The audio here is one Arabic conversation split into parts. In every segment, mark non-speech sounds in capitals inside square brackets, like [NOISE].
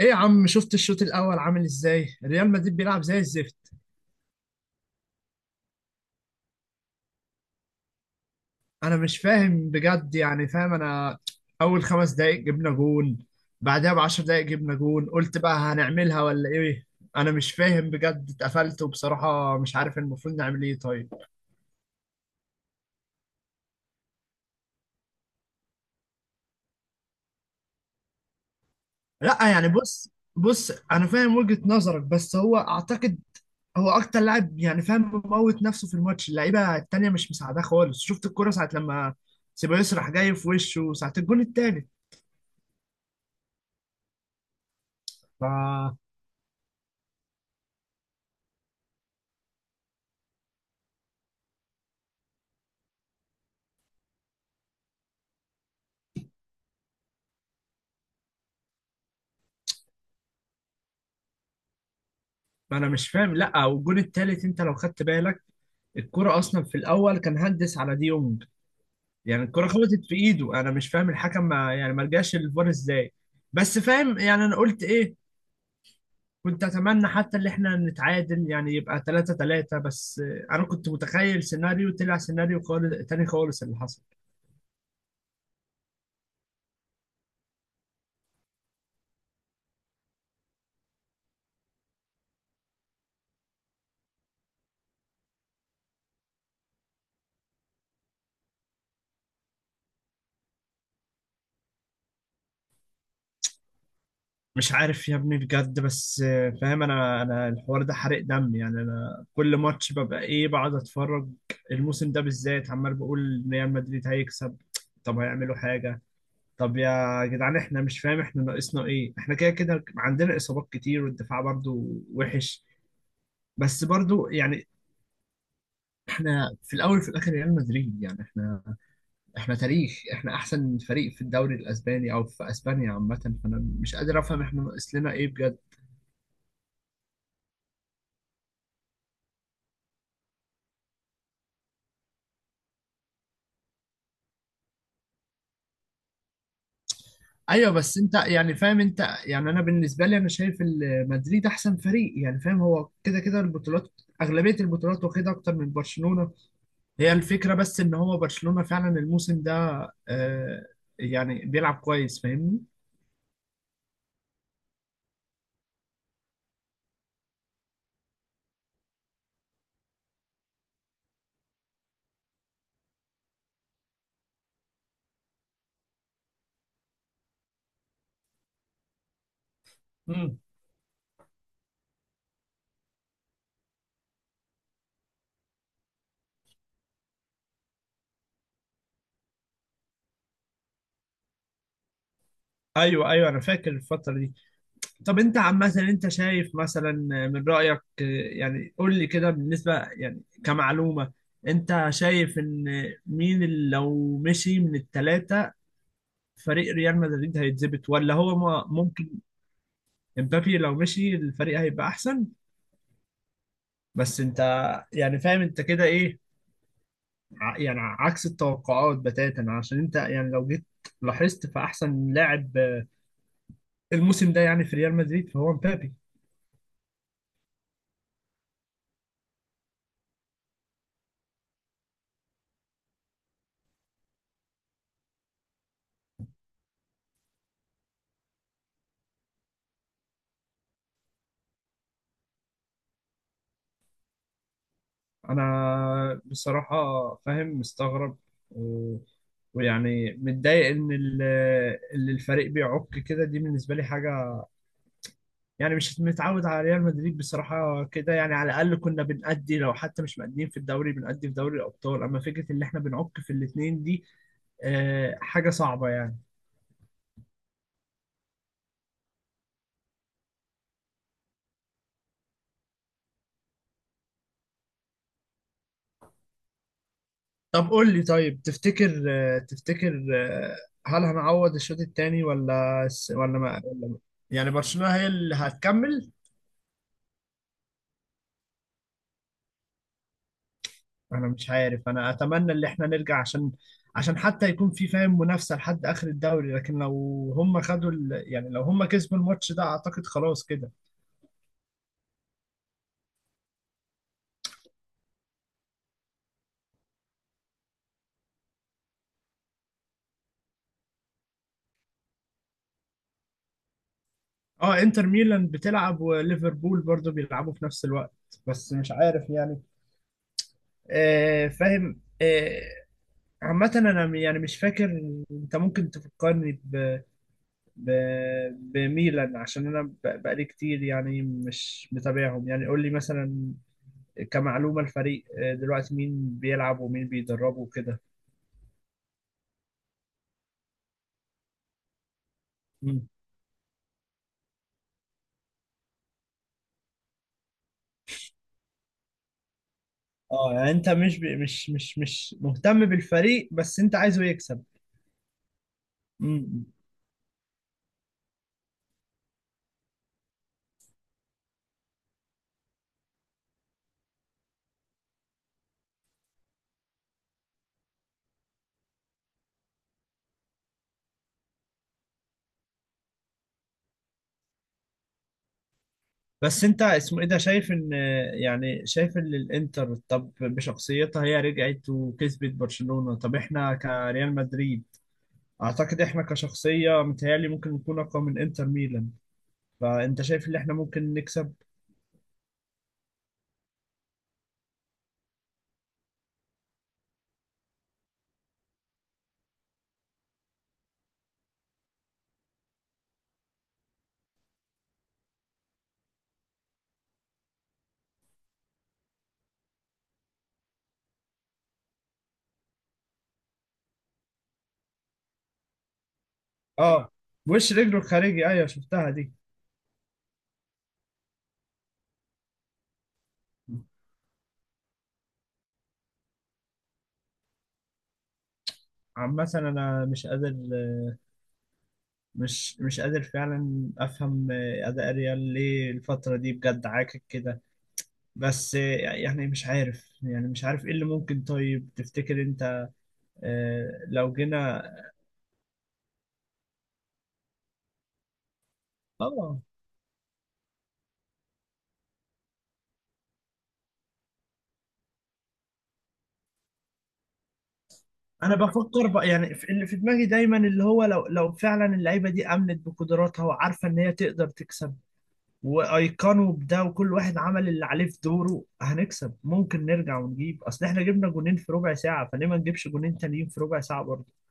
ايه يا عم، شفت الشوط الاول عامل ازاي؟ ريال مدريد بيلعب زي الزفت. انا مش فاهم بجد، يعني فاهم انا. اول خمس دقايق جبنا جون، بعدها بعشر دقايق جبنا جون، قلت بقى هنعملها ولا ايه؟ انا مش فاهم بجد، اتقفلت، وبصراحة مش عارف المفروض نعمل ايه. طيب لا يعني، بص، بص انا فاهم وجهة نظرك، بس هو اعتقد، هو اكتر لاعب، يعني فاهم، مموت نفسه في الماتش، اللعيبة التانية مش مساعداه خالص. شفت الكرة ساعة لما سيبايوس راح جاي في وشه ساعة الجون التالت. ما انا مش فاهم، لا، والجون التالت انت لو خدت بالك، الكرة اصلا في الاول كان هندس على دي يونج، يعني الكرة خبطت في ايده، انا مش فاهم الحكم ما يعني ما رجعش الفار ازاي. بس فاهم، يعني انا قلت ايه؟ كنت اتمنى حتى اللي احنا نتعادل، يعني يبقى 3-3 بس. انا كنت متخيل سيناريو، طلع سيناريو خالص تاني خالص اللي حصل. مش عارف يا ابني بجد، بس فاهم انا الحوار ده حرق دم، يعني انا كل ماتش ببقى ايه، بقعد اتفرج. الموسم ده بالذات عمال بقول ريال مدريد هيكسب، طب هيعملوا حاجة؟ طب يا جدعان، احنا مش فاهم احنا ناقصنا ايه، احنا كده كده عندنا اصابات كتير والدفاع برضو وحش، بس برضو يعني احنا في الاول وفي الاخر ريال مدريد، يعني احنا تاريخ، احنا احسن فريق في الدوري الاسباني او في اسبانيا عامة، فانا مش قادر افهم احنا ناقص لنا ايه بجد. ايوه بس انت يعني فاهم انت، يعني انا بالنسبه لي انا شايف مدريد احسن فريق، يعني فاهم، هو كده كده البطولات، اغلبيه البطولات واخدها اكتر من برشلونه. هي الفكره بس ان هو برشلونه فعلا الموسم ده، آه يعني بيلعب كويس، فاهمني. مم. ايوه ايوه انا فاكر الفتره دي. طب انت عامه انت شايف مثلا، من رايك، يعني قول لي كده بالنسبه، يعني كمعلومه، انت شايف ان مين اللي لو مشي من الثلاثه فريق ريال مدريد هيتظبط، ولا هو ممكن؟ امبابي لو مشي الفريق هيبقى احسن. بس انت يعني فاهم انت كده ايه؟ يعني عكس التوقعات بتاتا، عشان انت يعني لو جيت لاحظت، فاحسن لاعب الموسم ده يعني في ريال مدريد فهو امبابي. انا بصراحة فاهم، مستغرب، و- ويعني متضايق ان اللي الفريق بيعك كده، دي بالنسبة لي حاجة، يعني مش متعود على ريال مدريد بصراحة كده، يعني على الأقل كنا بنأدي، لو حتى مش مأديين في الدوري بنأدي في دوري الأبطال، أما فكرة إن إحنا بنعك في الاتنين دي، حاجة صعبة يعني. طب قول لي، طيب تفتكر، هل هنعوض الشوط التاني، ولا ولا ما يعني برشلونة هي اللي هتكمل؟ أنا مش عارف، أنا أتمنى إن إحنا نرجع، عشان حتى يكون في فاهم منافسة لحد آخر الدوري، لكن لو هم خدوا يعني لو هم كسبوا الماتش ده أعتقد خلاص كده. اه، انتر ميلان بتلعب وليفربول برضه بيلعبوا في نفس الوقت، بس مش عارف يعني، فاهم. عامة انا يعني مش فاكر. انت ممكن تفكرني ب... بميلان، عشان انا بقالي كتير يعني مش متابعهم. يعني قول لي مثلا كمعلومة، الفريق دلوقتي مين بيلعب ومين بيدربه وكده. مم. اه، يعني انت مش ب... مش مش مش مهتم بالفريق، بس انت عايزه يكسب. مم. بس انت اسمه ايه ده، شايف ان، يعني شايف ان الانتر، طب بشخصيتها هي رجعت وكسبت برشلونة، طب احنا كريال مدريد اعتقد احنا كشخصية متهيألي ممكن نكون اقوى من انتر ميلان، فانت شايف ان احنا ممكن نكسب؟ اه، وش رجله الخارجي، ايوه شفتها دي. عامة انا مش قادر، مش مش قادر فعلا افهم اداء ريال ليه الفترة دي بجد عاكك كده، بس يعني مش عارف، يعني مش عارف ايه اللي ممكن، طيب تفتكر انت لو جينا. اه، انا بفكر بقى يعني اللي في دماغي دايما اللي هو، لو فعلا اللعيبه دي امنت بقدراتها وعارفه ان هي تقدر تكسب، وايقنوا بده، وكل واحد عمل اللي عليه في دوره، هنكسب. ممكن نرجع ونجيب، اصل احنا جبنا جونين في ربع ساعه، فليه ما نجيبش جونين تانيين في ربع ساعه برضه؟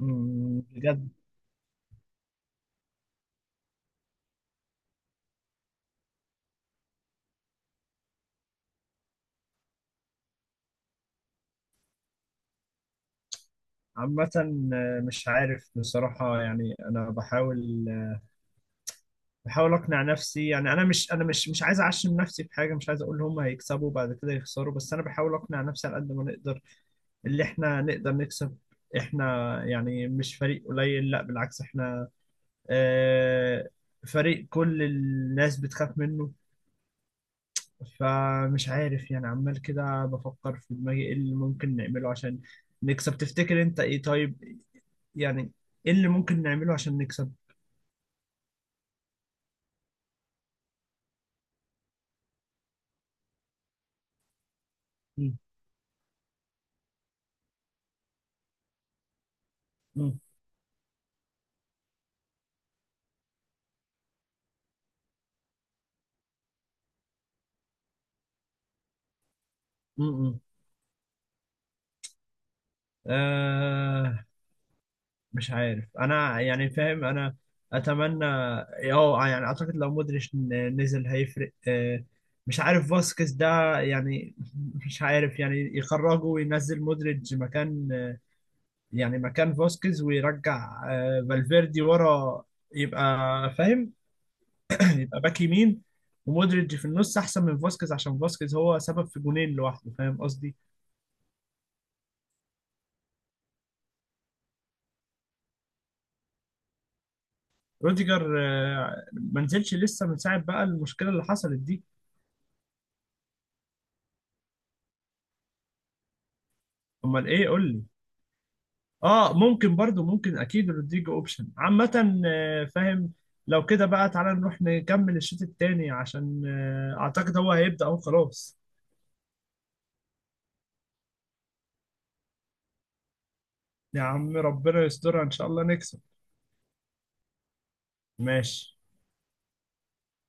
بجد. عامه مش عارف بصراحه، يعني انا بحاول، بحاول اقنع نفسي، يعني انا مش عايز اعشم نفسي في حاجه، مش عايز اقول هم هيكسبوا بعد كده يخسروا، بس انا بحاول اقنع نفسي على قد ما نقدر اللي احنا نقدر نكسب. احنا يعني مش فريق قليل، لا بالعكس، احنا آه فريق كل الناس بتخاف منه، فمش عارف يعني، عمال كده بفكر في دماغي ايه اللي ممكن نعمله عشان نكسب. تفتكر انت ايه طيب؟ يعني ايه اللي ممكن نعمله عشان نكسب؟ م- م- م- م. آه، مش عارف انا، يعني فاهم انا، اتمنى، اه يعني اعتقد لو مودريتش نزل هيفرق. مش عارف فاسكيز ده يعني، [LAUGHS] مش عارف، يعني يخرجه وينزل مودريتش مكان، يعني مكان فاسكيز، ويرجع فالفيردي ورا، يبقى فاهم، [CLEARS THROAT] يبقى باك يمين، ومودريتش في النص احسن من فاسكيز، عشان فاسكيز هو سبب في جونين لوحده، فاهم قصدي. روديجر ما نزلش لسه من ساعه بقى المشكله اللي حصلت دي. امال ايه؟ قول لي. اه ممكن برضو، ممكن اكيد رودريجو اوبشن. عامة فاهم. لو كده بقى تعالى نروح نكمل الشوط التاني، عشان اعتقد هو هيبدأ اهو خلاص. يا عم ربنا يسترها ان شاء الله نكسب. ماشي.